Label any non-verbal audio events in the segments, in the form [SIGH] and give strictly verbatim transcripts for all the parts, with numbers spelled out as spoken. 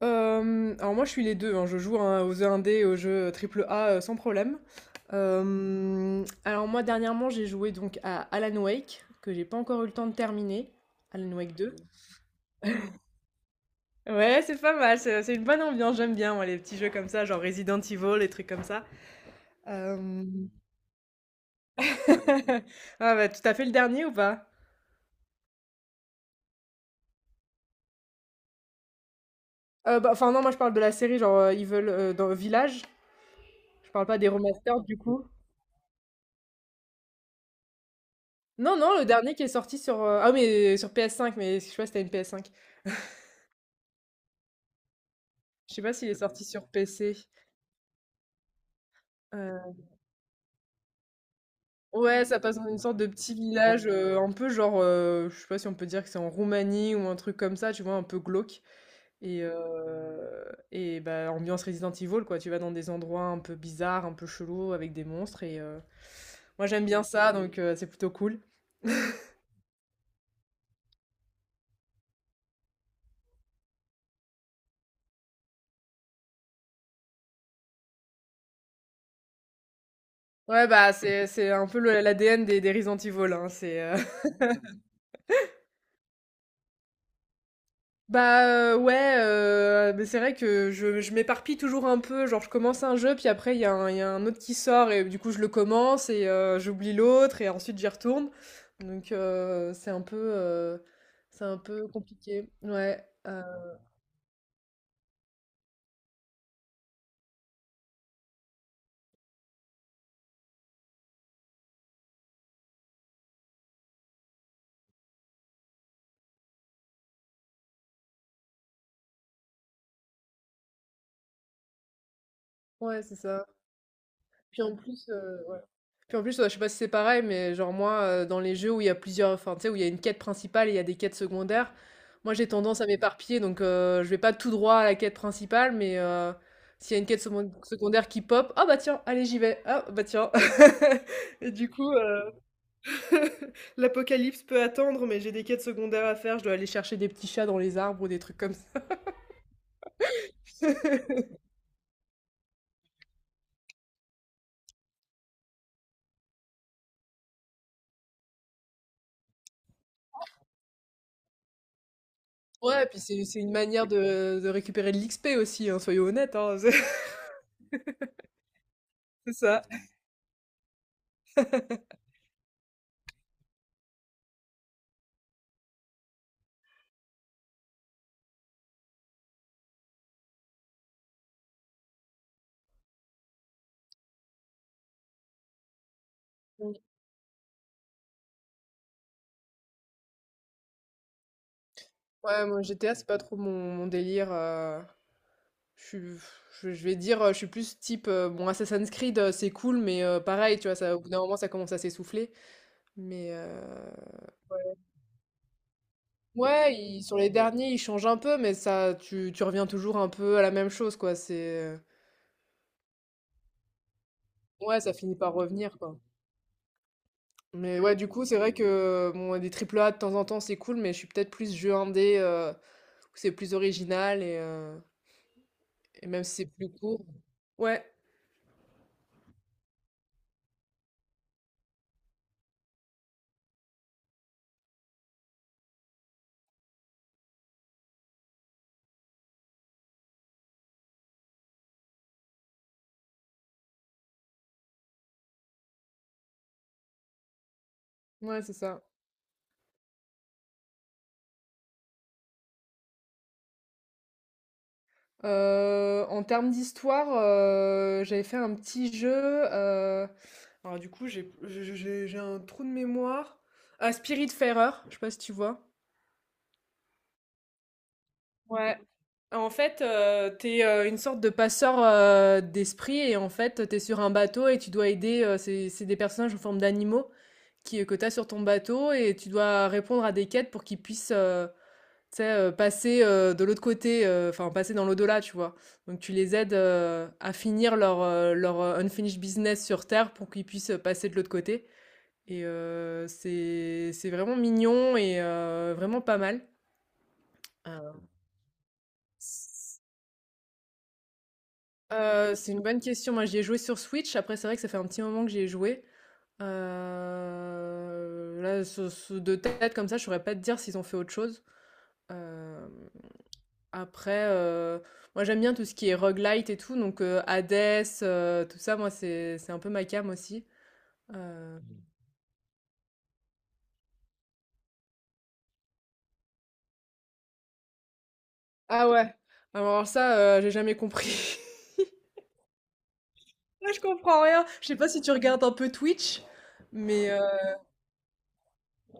Hem, alors moi je suis les deux, hein, je joue hein, aux jeux indés, aux jeux triple A, heu, sans problème. Hem, alors moi dernièrement j'ai joué donc à Alan Wake, que j'ai pas encore eu le temps de terminer, Alan Wake deux. Ouais, c'est pas mal, c'est c'est une bonne ambiance, j'aime bien moi les petits jeux comme ça, genre Resident Evil, les trucs comme ça. Hem, [LAUGHS] ah bah, tout à fait le dernier ou pas? Heu, bah, enfin non, moi je parle de la série genre, heu, Evil, heu, dans Village, je parle pas des remasters du coup. Non, non, le dernier qui est sorti sur, heu ah mais sur P S cinq, mais je sais pas si tu as une P S cinq. Je sais pas s'il est sorti sur P C. Heu, ouais, ça passe dans une sorte de petit village, heu, un peu genre, heu, je sais pas si on peut dire que c'est en Roumanie ou un truc comme ça, tu vois? Un peu glauque et heu et bah, ambiance Resident Evil, quoi. Tu vas dans des endroits un peu bizarres, un peu chelous avec des monstres et heu, moi j'aime bien ça donc heu, c'est plutôt cool. Ouais, bah, c'est c'est un peu le l'A D N des des Resident Evil, hein, c'est, heu bah, heu, ouais, heu, mais c'est vrai que je je m'éparpille toujours un peu, genre je commence un jeu, puis après il y a un il y a un autre qui sort et du coup je le commence et heu, j'oublie l'autre et ensuite j'y retourne. Donc heu, c'est un peu, heu, c'est un peu compliqué. Ouais, heu, ouais, c'est ça. Puis en plus, heu Puis en plus, ouais, je sais pas si c'est pareil, mais genre moi, euh, dans les jeux où il y a plusieurs, enfin, tu sais, où il y a une quête principale et il y a des quêtes secondaires, moi j'ai tendance à m'éparpiller, donc euh, je vais pas tout droit à la quête principale, mais euh, s'il y a une quête second- secondaire qui pop, ah bah tiens, allez j'y vais, ah bah tiens. [LAUGHS] Et du coup, euh, [LAUGHS] l'apocalypse peut attendre, mais j'ai des quêtes secondaires à faire, je dois aller chercher des petits chats dans les arbres ou des trucs comme ça. [LAUGHS] Ouais, et puis c'est c'est une manière de, de récupérer de l'X P aussi, hein, soyons honnêtes, hein, [LAUGHS] c'est ça. Ouais, moi G T A, c'est pas trop mon, mon délire. euh, je suis, je, je vais dire, euh, je suis plus type. Euh, bon, Assassin's Creed, euh, c'est cool, mais euh, pareil, tu vois, ça, au bout d'un moment, ça commence à s'essouffler. Mais euh, ouais, il- sur les derniers, ils changent un peu, mais ça, tu, tu reviens toujours un peu à la même chose, quoi. C'est, euh, ouais, ça finit par revenir, quoi. Mais ouais, du coup, c'est vrai que bon, ouais, des triple A de temps en temps, c'est cool, mais je suis peut-être plus jeu indé, euh, où c'est plus original et, euh, et même si c'est plus court. Ouais, ouais, c'est ça. Heu, en termes d'histoire, heu, j'avais fait un petit jeu, heu, alors du coup, j'ai je j'ai j'ai un trou de mémoire. Ah, Spiritfarer, je sais pas si tu vois? Ouais. En fait, heu, tu es, une sorte de passeur, heu, d'esprit et en fait, t'es sur un bateau et tu dois aider, heu, c'est c'est des personnages en forme d'animaux qui euh, que t'as sur ton bateau et tu dois répondre à des quêtes pour qu'ils puissent, heu tu sais, heu, passer, heu, de l'autre côté, heu, enfin passer dans l'au-delà, tu vois? Donc tu les aides, heu, à finir leur, heu, leur, heu, unfinished business sur terre pour qu'ils puissent, passer de l'autre côté et heu, c'est c'est vraiment mignon et heu, vraiment pas mal. Alors c'est une bonne question. Moi, j'y ai joué sur Switch. Après, c'est vrai que ça fait un petit moment que j'y ai joué. Heu, là, ce ce de tête comme ça, je saurais pas te dire s'ils ont fait autre chose. Hem Après, heu, moi j'aime bien tout ce qui est roguelite et tout, donc heu, Hades, heu, tout ça, moi c'est c'est un peu ma came aussi. Heu Mmh. Ah ouais! Alors ça, heu, j'ai jamais compris. [LAUGHS] Moi je comprends rien. Je sais pas si tu regardes un peu Twitch, mais heu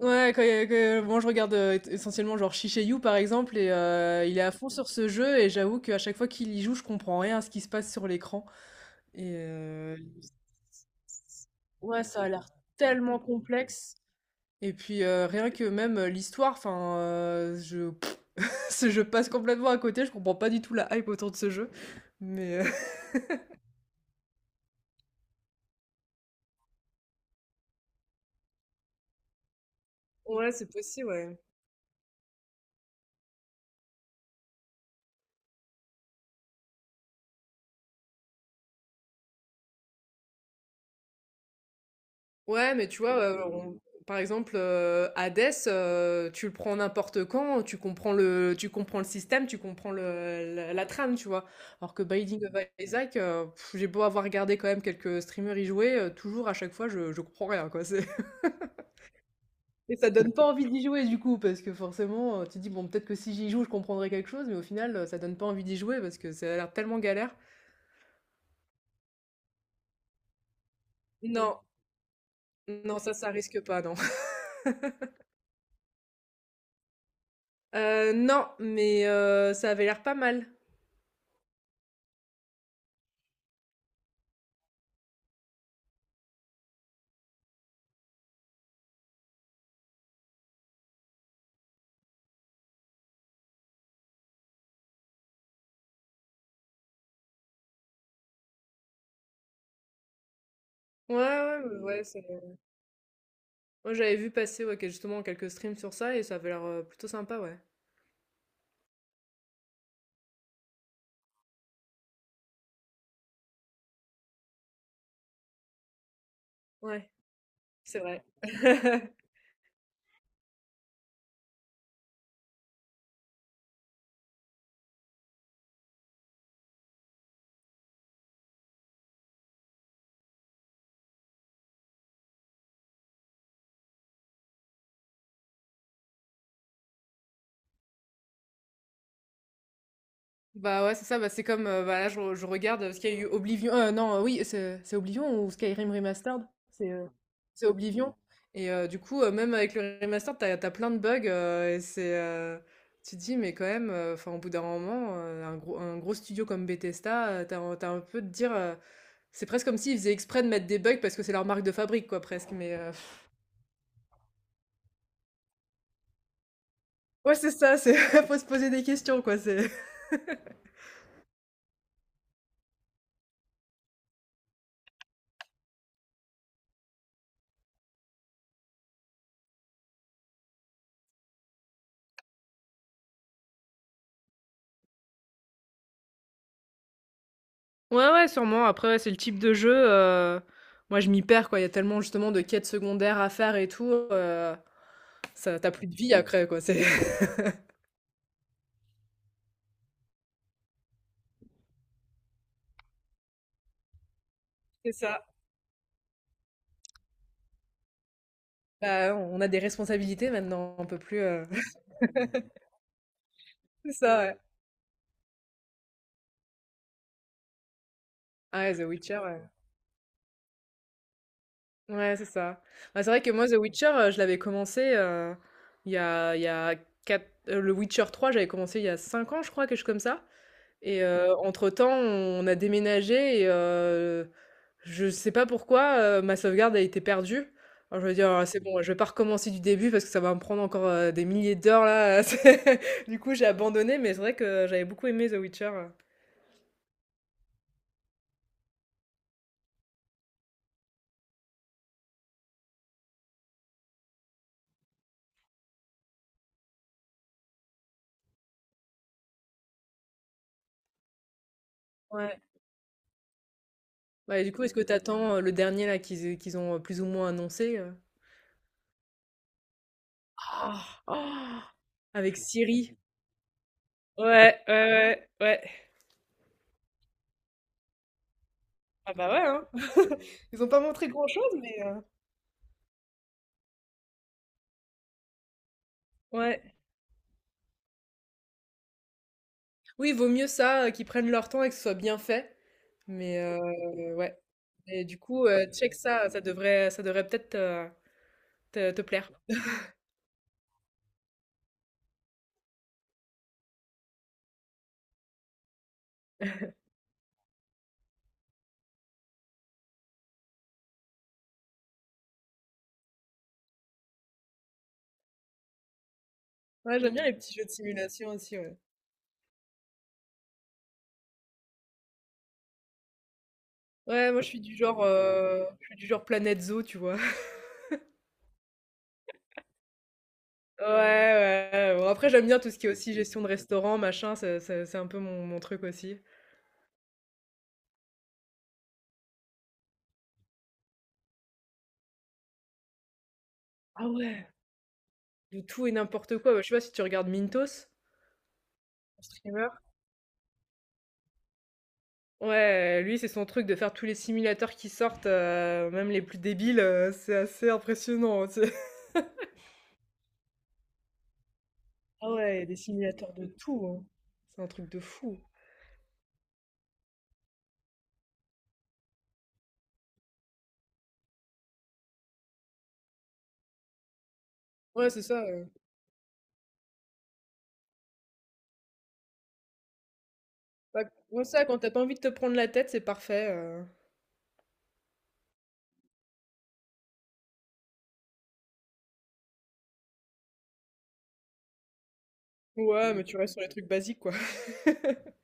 ouais, que que moi je regarde, heu, essentiellement genre Shiseiyu par exemple et heu, il est à fond sur ce jeu et j'avoue qu'à chaque fois qu'il y joue, je comprends rien à ce qui se passe sur l'écran et heu, ouais, ça a l'air tellement complexe. Et puis euh, rien que même euh, l'histoire, enfin, euh, je, [LAUGHS] ce- je passe complètement à côté, je comprends pas du tout la hype autour de ce jeu. Mais euh, [LAUGHS] Ouais, c'est possible, ouais. Ouais, mais tu vois, euh, on- par exemple, euh, Hades, euh, tu le prends n'importe quand, tu comprends le, tu comprends le système, tu comprends le, la, la trame, tu vois. Alors que Binding of Isaac, euh, pff, j'ai beau avoir regardé quand même quelques streamers y jouer, euh, toujours à chaque fois, je, je comprends rien, quoi. Et ça donne pas envie d'y jouer du coup, parce que forcément, euh, tu te dis, bon, peut-être que si j'y joue, je comprendrai quelque chose, mais au final, euh, ça donne pas envie d'y jouer parce que ça a l'air tellement galère. Non, non, ça, ça risque pas, non. [LAUGHS] Euh, non, mais euh, ça avait l'air pas mal. Ouais, ouais, ouais, ouais. c'est- Moi, j'avais vu passer ouais, que- justement quelques streams sur ça et ça avait l'air euh, plutôt sympa, ouais. Ouais, c'est vrai. [LAUGHS] Bah ouais, c'est ça, bah c'est comme, heu, bah là je re je regarde, parce qu'il y a eu Oblivion, heu, non, heu, oui, c'est c'est Oblivion ou Skyrim Remastered? C'est, heu, c'est Oblivion et heu, du coup, heu, même avec le remastered, t'as t'as plein de bugs, heu et c'est, heu, tu te dis: «Mais quand même, heu, enfin au bout d'un moment, heu, un gros un gros studio comme Bethesda, heu, t'as un tu un peu de dire, heu, c'est presque comme s'ils faisaient exprès de mettre des bugs parce que c'est leur marque de fabrique quoi presque» mais heu, ouais c'est ça, c'est [LAUGHS] faut se poser des questions quoi, c'est Ouais, ouais, sûrement. Après, ouais, c'est le type de jeu, heu, moi, je m'y perds, quoi. Il y a tellement, justement, de quêtes secondaires à faire et tout, heu, ça tu plus de vie après, quoi. C'est [LAUGHS] c'est ça. Bah, on a des responsabilités maintenant, on peut plus, heu [LAUGHS] c'est ça, ouais. Ah ouais, The Witcher, ouais. Ouais, c'est ça. Bah, c'est vrai que moi, The Witcher, heu, je l'avais commencé, heu, il y a il y a quatre heu, le Witcher trois j'avais commencé il y a cinq ans, je crois, quelque chose comme ça et heu, entre-temps, on a déménagé et heu je sais pas pourquoi, heu, ma sauvegarde a été perdue. Alors je me dis: «Oh c'est bon, je vais pas recommencer du début parce que ça va me prendre encore, heu, des milliers d'heures là, [LAUGHS] c'est» du coup j'ai abandonné, mais c'est vrai que j'avais beaucoup aimé The Witcher, heu. Ouais. Bah, du coup, est-ce que t'attends attends, le dernier là qu'ils qu'ils ont, heu, plus ou moins annoncé, heu? Avec Siri. Ouais, ouais, ouais, ouais. Ah bah, ouais, hein. [LAUGHS] Ils ont pas montré grand chose, mais, heu, ouais. Oui, vaut mieux ça, heu, qu'ils prennent leur temps et que ce soit bien fait, mais, heu, ouais. Et du coup, heu, check ça, ça devrait ça devrait peut-être te te te plaire. Ouais, j'aime bien les petits jeux de simulation aussi, ouais. Ouais, moi je suis du genre, heu, je suis du genre Planet Zoo, tu vois? [LAUGHS] Ouais, ouais, bon après j'aime bien tout ce qui est aussi gestion de restaurant, machin, ça c'est c'est un peu mon mon truc aussi. Ah ouais, de tout et n'importe quoi. Bah, je sais pas si tu regardes Mintos, un streamer? Ouais, lui c'est son truc de faire tous les simulateurs qui sortent, heu, même les plus débiles, heu, c'est assez impressionnant, hein, tu sais? Ah ouais, il y a des simulateurs de tout, hein. C'est un truc de fou. Ouais, c'est ça, heu, bah, ouais, ça, quand t'as pas envie de te prendre la tête, c'est parfait, heu, ouais, mais tu restes sur les trucs basiques, quoi. [LAUGHS]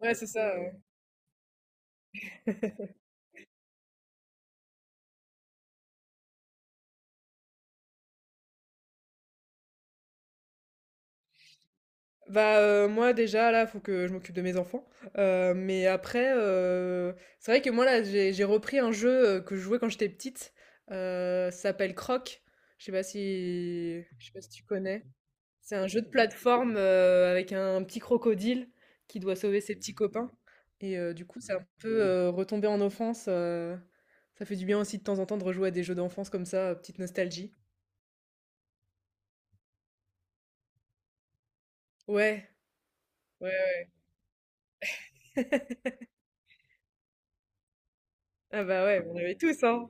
Ouais, c'est ça, ouais. Bah, heu, moi, déjà, là, faut que je m'occupe de mes enfants, heu, mais après, heu, c'est vrai que moi, là, j'ai j'ai repris un jeu, heu, que je jouais quand j'étais petite, heu, ça s'appelle Croc. Je sais pas si je sais pas si tu connais? C'est un jeu de plateforme, heu, avec un petit crocodile qui doit sauver ses petits copains et heu, du coup, c'est un peu, heu, retomber en enfance, heu, ça fait du bien aussi de temps en temps de rejouer à des jeux d'enfance comme ça, euh, petite nostalgie. Ouais, ouais, ouais. Ah bah, ouais, on avait tous, hein.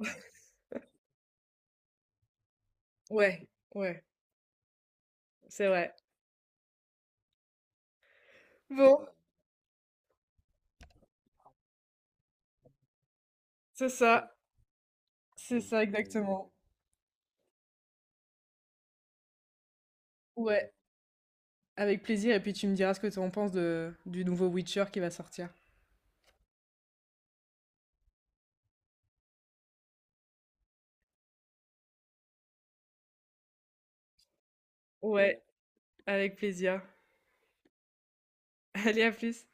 Ouais, ouais, c'est vrai. Bon, c'est ça, c'est ça exactement. Ouais, avec plaisir et puis tu me diras ce que tu en penses de du nouveau Witcher qui va sortir. Ouais, avec plaisir. [LAUGHS] Allez, à plus.